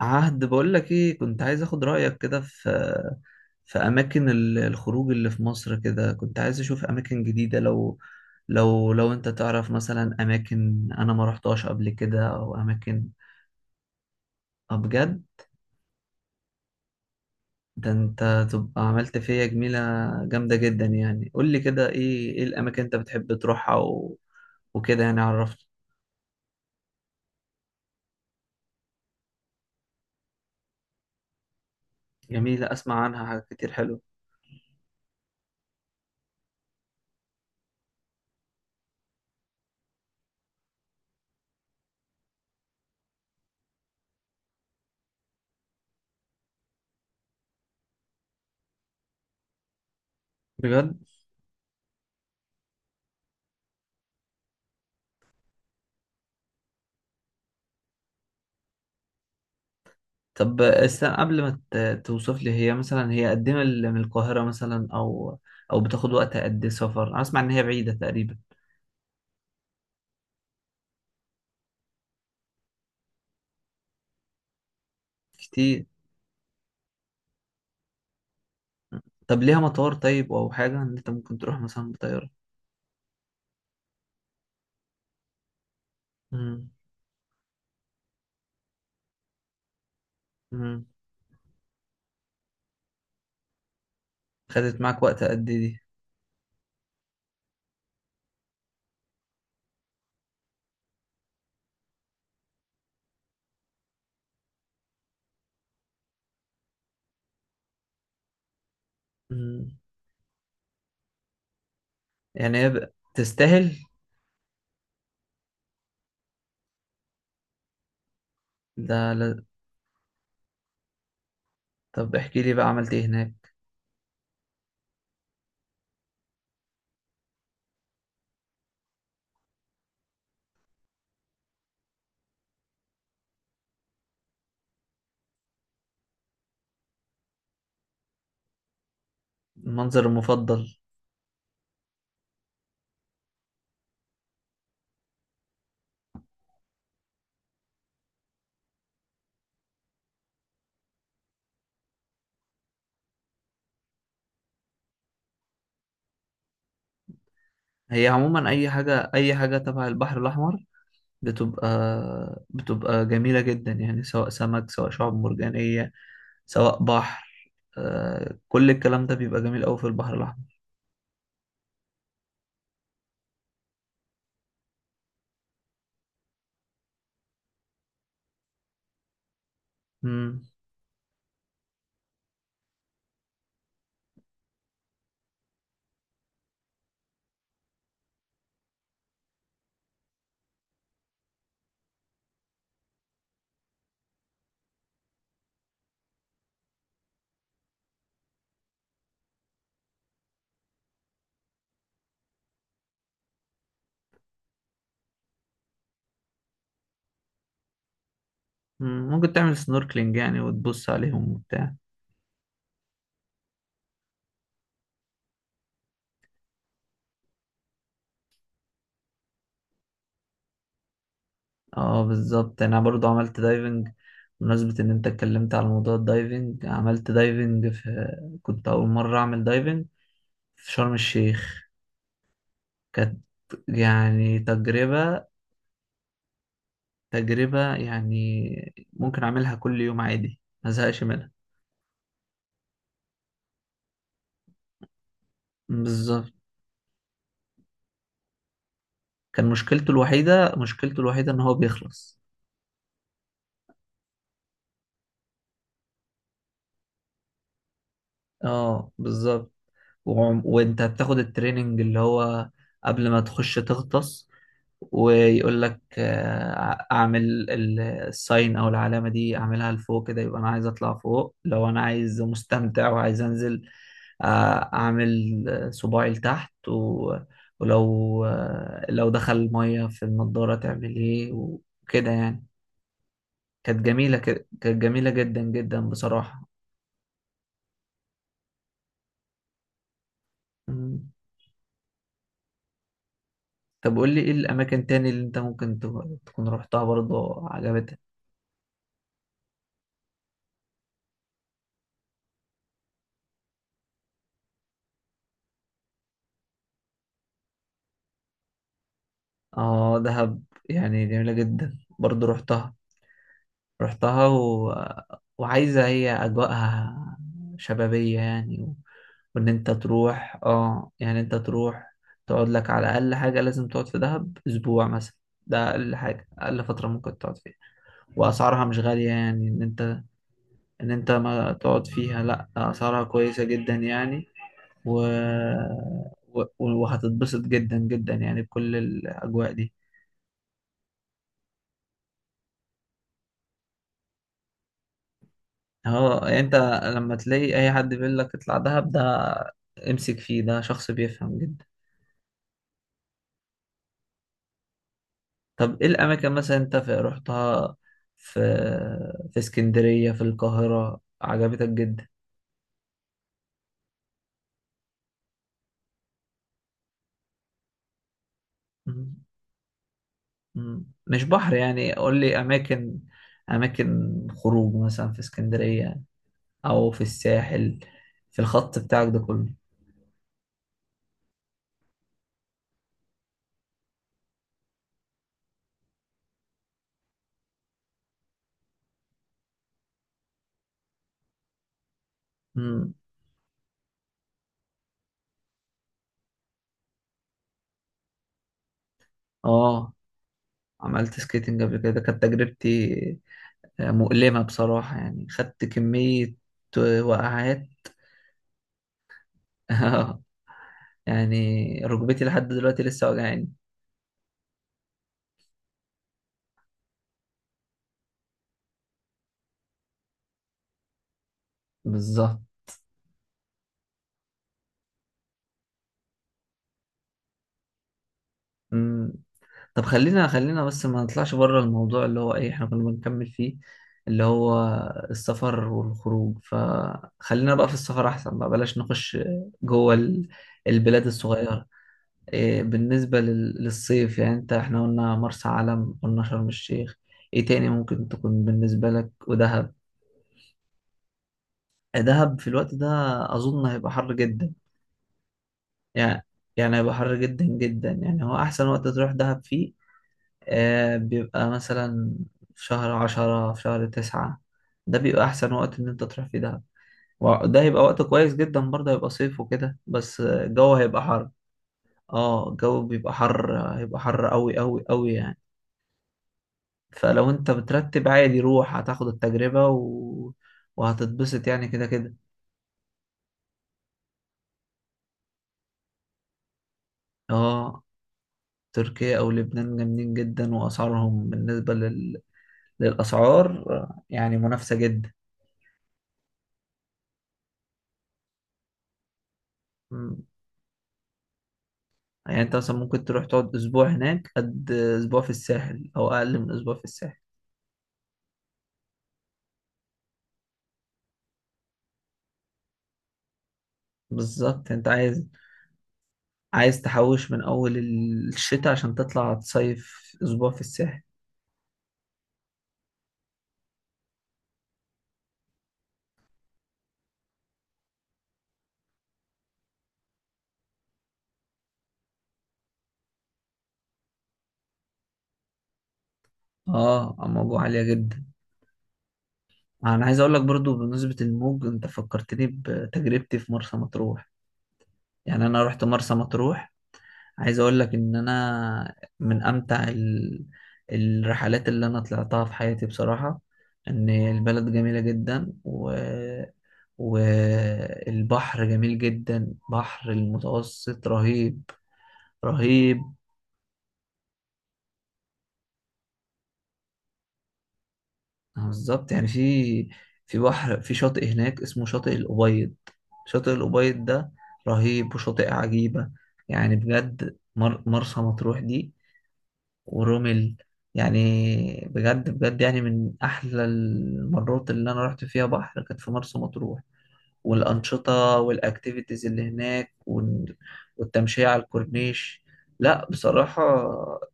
عهد بقول لك ايه كنت عايز اخد رأيك كده في اماكن الخروج اللي في مصر كده، كنت عايز اشوف اماكن جديدة. لو انت تعرف مثلا اماكن انا ما رحتهاش قبل كده او اماكن. آه بجد. ده انت تبقى عملت فيا جميلة جامدة جدا. يعني قول لي كده ايه الاماكن انت بتحب تروحها و... وكده، يعني عرفت. جميلة، اسمع عنها حاجات كتير حلوة بجد. طب استنى، قبل ما توصف لي، هي مثلا هي قد ايه من القاهرة مثلا، او بتاخد وقت قد ايه سفر؟ انا اسمع ان هي بعيدة تقريبا. كتير. طب ليها مطار طيب، او حاجة ان انت ممكن تروح مثلا بطيارة؟ امم امم خدت معاك وقت قد ايه دي؟ امم يعني هي تستاهل؟ ده لا. طب احكي لي بقى، عملت ايه هناك؟ المنظر المفضل. هي عموما اي حاجة، اي حاجة تبع البحر الاحمر بتبقى بتبقى جميلة جدا، يعني سواء سمك، سواء شعاب مرجانية، سواء بحر. كل الكلام ده بيبقى جميل أوي في البحر الأحمر. مم. مم. ممكن تعمل سنوركلينج يعني وتبص عليهم وبتاع. اه بالظبط، أنا برضو عملت دايفنج. بمناسبة إن أنت اتكلمت على موضوع الدايفنج، عملت دايفنج في، كنت أول مرة أعمل دايفنج في شرم الشيخ. كانت يعني تجربة يعني ممكن أعملها كل يوم عادي ما زهقش منها. بالظبط. كان مشكلته الوحيدة إن هو بيخلص. اه بالظبط. وانت هتاخد التريننج اللي هو قبل ما تخش تغطس، ويقول لك اعمل الساين او العلامه دي. اعملها لفوق كده يبقى انا عايز اطلع فوق، لو انا عايز مستمتع وعايز انزل اعمل صباعي لتحت، ولو لو دخل الميه في النضاره تعمل ايه، وكده يعني. كانت جميله جدا جدا بصراحه. طب قول لي ايه الاماكن تاني اللي انت ممكن تكون رحتها برضه عجبتك؟ اه دهب، يعني جميلة جدا برضه رحتها و... وعايزة. هي اجواءها شبابية، يعني و... وان انت تروح. اه يعني انت تروح تقعد لك على اقل حاجة، لازم تقعد في دهب اسبوع مثلا. ده اقل حاجة، اقل فترة ممكن تقعد فيها. واسعارها مش غالية، يعني ان انت ما تقعد فيها. لا، اسعارها كويسة جدا يعني و... و... وهتتبسط جدا جدا يعني بكل الأجواء دي. اه، يعني انت لما تلاقي اي حد بيقول لك اطلع دهب، ده امسك فيه، ده شخص بيفهم جدا. طب ايه الاماكن مثلا انت رحتها في في اسكندرية، في القاهرة، عجبتك جدا؟ مم. مم. مش بحر، يعني قول لي اماكن خروج مثلا في اسكندرية او في الساحل، في الخط بتاعك ده كله. مم. اه عملت سكيتنج قبل كده، كانت تجربتي مؤلمة بصراحة. يعني خدت كمية وقعات. يعني ركبتي لحد دلوقتي لسه وجعاني. بالظبط. مم. طب خلينا بس ما نطلعش بره الموضوع اللي هو ايه احنا كنا بنكمل فيه، اللي هو السفر والخروج. فخلينا بقى في السفر احسن، بقى بلاش نخش جوه البلاد الصغيرة. إيه بالنسبة للصيف؟ يعني انت، احنا قلنا مرسى علم، قلنا شرم الشيخ، ايه تاني ممكن تكون بالنسبة لك؟ ودهب. دهب في الوقت ده اظن هيبقى حر جدا. يعني يعني هيبقى حر جدا جدا، يعني هو احسن وقت تروح دهب فيه؟ بيبقى مثلا في شهر 10، في شهر 9. ده بيبقى احسن وقت ان انت تروح فيه دهب. وده هيبقى وقت كويس جدا برضه، هيبقى صيف وكده، بس الجو هيبقى حر. اه الجو بيبقى حر، هيبقى حر قوي قوي قوي يعني. فلو انت بترتب عادي روح، هتاخد التجربة و... وهتتبسط يعني كده كده. اه تركيا او لبنان جامدين جدا، واسعارهم بالنسبة للاسعار يعني منافسة جدا. مم. يعني انت مثلا ممكن تروح تقعد اسبوع هناك، قد اسبوع في الساحل او اقل من اسبوع في الساحل. بالظبط انت عايز تحوش من اول الشتاء عشان تطلع تصيف اسبوع في الساحل. اه الموضوع عالية جدا. انا عايز اقول لك برضو، بمناسبة الموج، انت فكرتني بتجربتي في مرسى مطروح. يعني انا رحت مرسى مطروح، عايز اقول لك ان انا من امتع الرحلات اللي انا طلعتها في حياتي بصراحة. ان البلد جميلة جدا و... والبحر جميل جدا، بحر المتوسط رهيب. رهيب. بالظبط. يعني في بحر، في شاطئ هناك اسمه شاطئ الأبيض. شاطئ الأبيض ده رهيب، وشاطئ عجيبة. يعني بجد، مرسى مطروح دي. ورمل. يعني بجد بجد، يعني من أحلى المرات اللي أنا رحت فيها بحر كانت في مرسى مطروح، والأنشطة والأكتيفيتيز اللي هناك والتمشية على الكورنيش. لا بصراحة،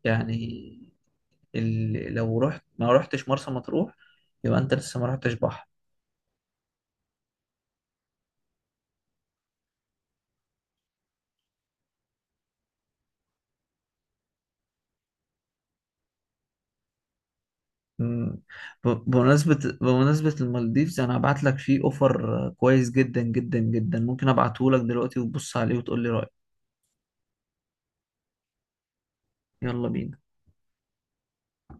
يعني لو رحت ما رحتش مرسى مطروح، يبقى أنت لسه ما رحتش بحر. مم. بمناسبة المالديفز، أنا هبعت لك فيه أوفر كويس جدا جدا جدا. ممكن أبعته لك دلوقتي وتبص عليه وتقول لي رأيك. يلا بينا.